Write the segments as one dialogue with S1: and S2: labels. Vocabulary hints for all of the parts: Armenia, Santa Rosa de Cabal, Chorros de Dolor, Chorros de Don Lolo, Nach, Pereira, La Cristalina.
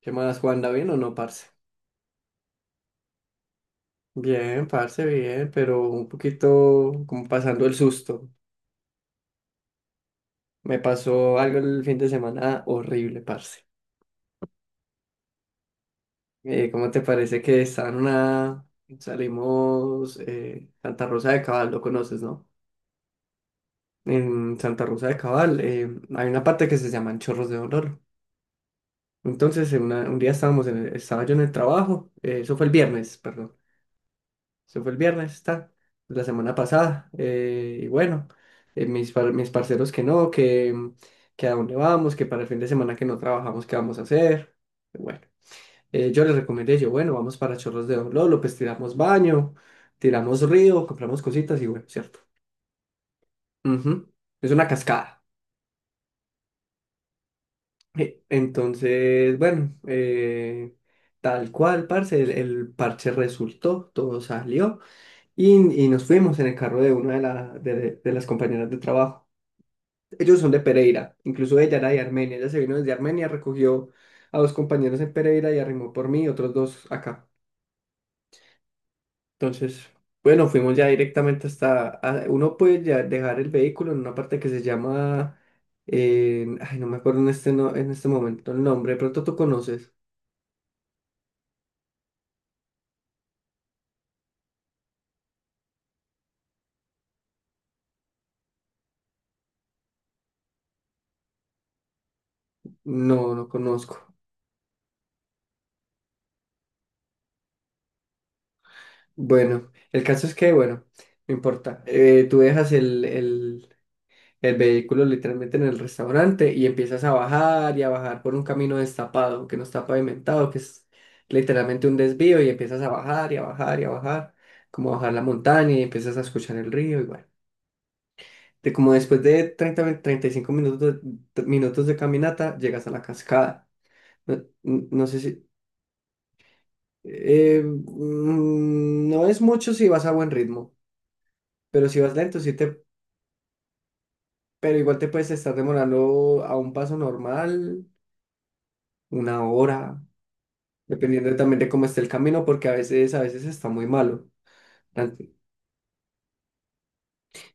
S1: ¿Qué más, Juan? ¿Da bien o no, parce? Bien, parce, bien, pero un poquito como pasando el susto. Me pasó algo el fin de semana horrible, parce. ¿Cómo te parece que está en una. Salimos Santa Rosa de Cabal, lo conoces, ¿no? En Santa Rosa de Cabal hay una parte que se llaman Chorros de Dolor. Entonces, un día estábamos estaba yo en el trabajo, eso fue el viernes, perdón. Se fue el viernes, está, la semana pasada. Y bueno, mis parceros que no, que a dónde vamos, que para el fin de semana que no trabajamos, ¿qué vamos a hacer? Bueno, yo les recomendé, yo, bueno, vamos para Chorros de Don Lolo, pues tiramos baño, tiramos río, compramos cositas y bueno, ¿cierto? Ujú. Es una cascada. Entonces, bueno, tal cual, parce, el parche resultó, todo salió. Y, y nos fuimos en el carro de una de las compañeras de trabajo. Ellos son de Pereira, incluso ella era de Armenia, ella se vino desde Armenia, recogió a dos compañeros en Pereira y arrimó por mí, otros dos acá. Entonces, bueno, fuimos ya directamente uno puede ya dejar el vehículo en una parte que se llama, ay, no me acuerdo en este, no, en este momento el nombre, de pronto tú conoces. No, no conozco. Bueno, el caso es que, bueno, no importa. Tú dejas el vehículo literalmente en el restaurante y empiezas a bajar y a bajar por un camino destapado que no está pavimentado, que es literalmente un desvío y empiezas a bajar y a bajar y a bajar, como bajar la montaña y empiezas a escuchar el río y bueno. De como después de 35 minutos minutos de caminata, llegas a la cascada. No, no sé si. No es mucho si vas a buen ritmo, pero si vas lento, sí te. Pero igual te puedes estar demorando a un paso normal, una hora, dependiendo también de cómo esté el camino, porque a veces está muy malo. Ante-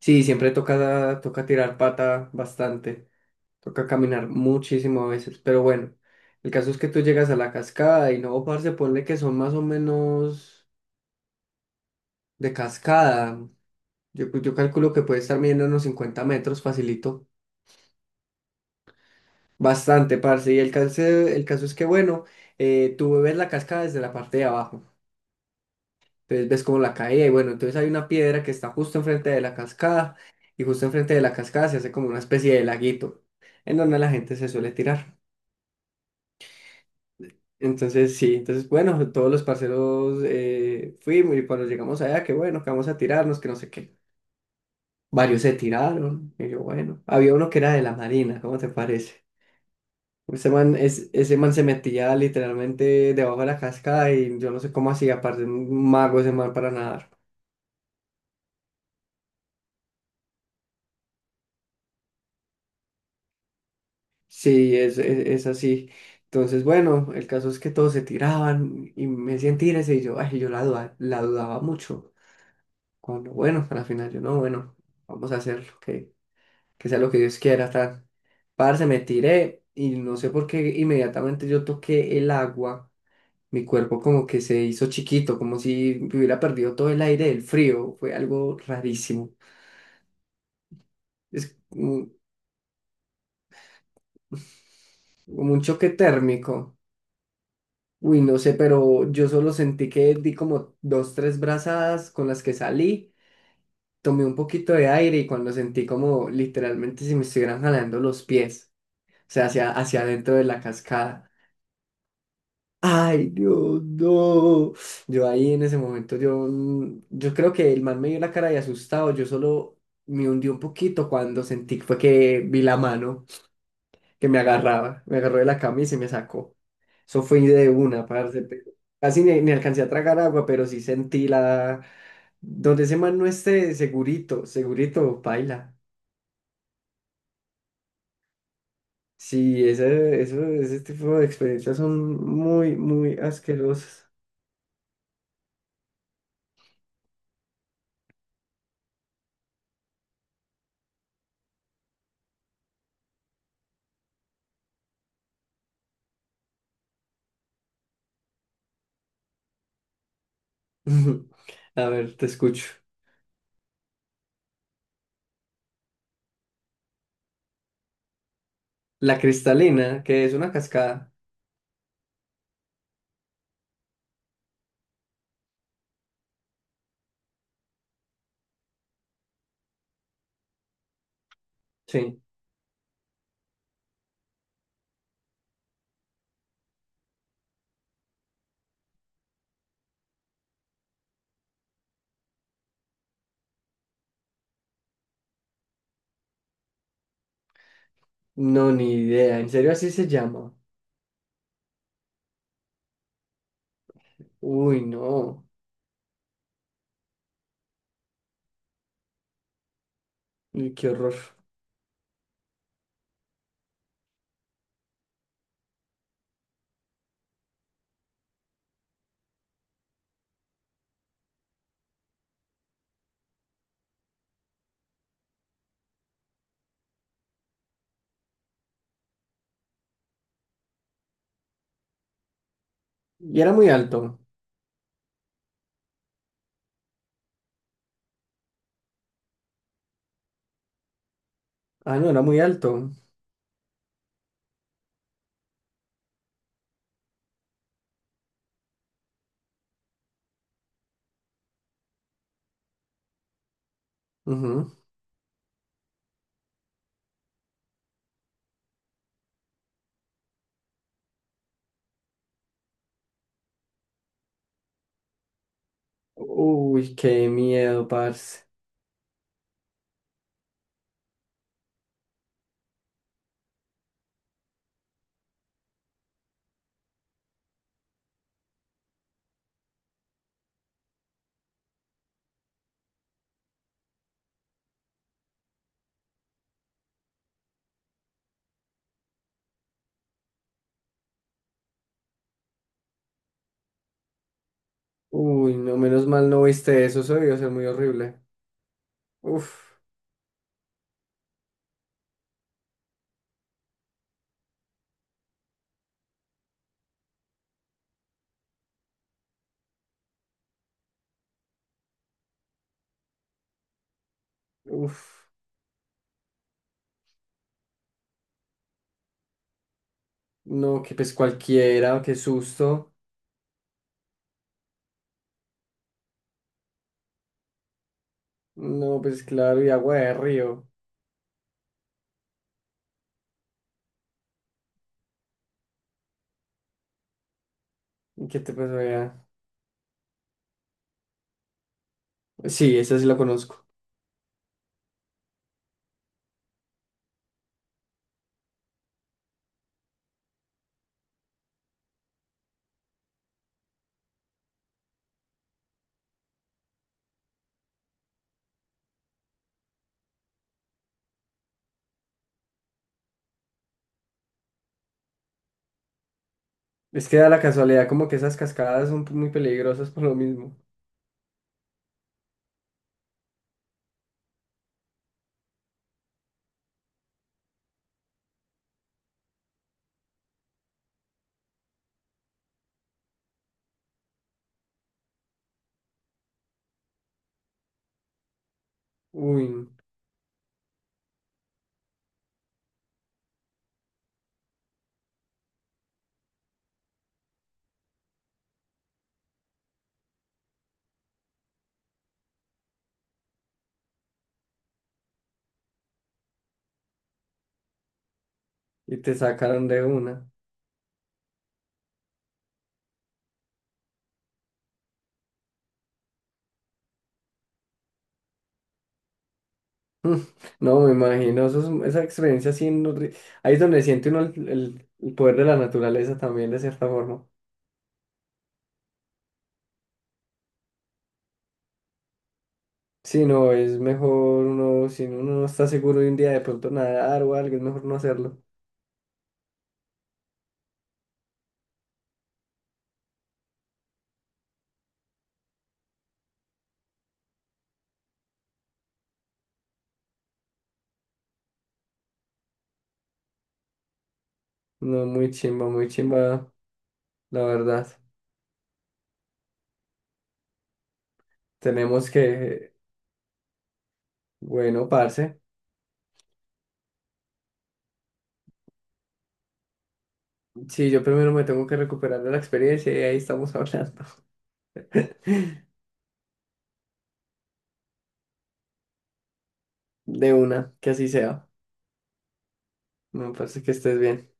S1: Sí, siempre toca tirar pata bastante, toca caminar muchísimo a veces, pero bueno, el caso es que tú llegas a la cascada y no, parce, ponle que son más o menos de cascada. Yo, pues, yo calculo que puede estar midiendo unos 50 metros, facilito. Bastante, parce. Y el caso es que, bueno, tú ves la cascada desde la parte de abajo. Entonces ves como la caída y bueno, entonces hay una piedra que está justo enfrente de la cascada y justo enfrente de la cascada se hace como una especie de laguito en donde la gente se suele tirar. Entonces sí, entonces bueno, todos los parceros fuimos y cuando llegamos allá, que bueno, que vamos a tirarnos, que no sé qué. Varios se tiraron y yo bueno, había uno que era de la marina, ¿cómo te parece? Ese man se metía literalmente debajo de la cascada y yo no sé cómo hacía, aparte un mago ese man para nadar. Sí, es así. Entonces, bueno, el caso es que todos se tiraban y me decían tírese y yo, ay, la dudaba mucho. Cuando, bueno, a la final yo no, bueno, vamos a hacerlo, que sea lo que Dios quiera, tal. Parce, me tiré y no sé por qué inmediatamente yo toqué el agua, mi cuerpo como que se hizo chiquito, como si me hubiera perdido todo el aire del frío, fue algo rarísimo. Es como un choque térmico. Uy, no sé, pero yo solo sentí que di como dos, tres brazadas con las que salí, tomé un poquito de aire y cuando sentí como literalmente si me estuvieran jalando los pies, o sea, hacia adentro de la cascada. Ay, Dios, no. Yo ahí en ese momento, yo creo que el man me dio la cara de asustado, yo solo me hundí un poquito cuando sentí fue que vi la mano, que me agarraba, me agarró de la camisa y me sacó. Eso fue de una, parce. Pero casi ni alcancé a tragar agua, pero sí sentí la. Donde ese man no esté, segurito, segurito, paila. Sí, ese tipo de experiencias son muy, muy asquerosas. A ver, te escucho. La Cristalina, que es una cascada. Sí. No, ni idea. ¿En serio así se llama? Uy, no. Uy, qué horror. Y era muy alto. Ah, no, era muy alto. Ujú. Uy, qué miedo, parce. Uy, no, menos mal no viste eso, eso debió ser muy horrible. Uf, uf, no, que pues cualquiera, qué susto. No, pues claro, y agua de río. ¿Y qué te pasó ya? Sí, esa sí la conozco. Es que da la casualidad como que esas cascadas son muy peligrosas por lo mismo. Uy, y te sacaron de una. Mm, no, me imagino, esa experiencia así, ahí es donde siente uno el poder de la naturaleza también, de cierta forma. Sí, no, es mejor uno, si uno no está seguro de un día de pronto nadar o algo, es mejor no hacerlo. No, muy chimba, la verdad. Tenemos que, bueno, parce. Sí, yo primero me tengo que recuperar de la experiencia y ahí estamos hablando. De una, que así sea. Me parece que estés bien.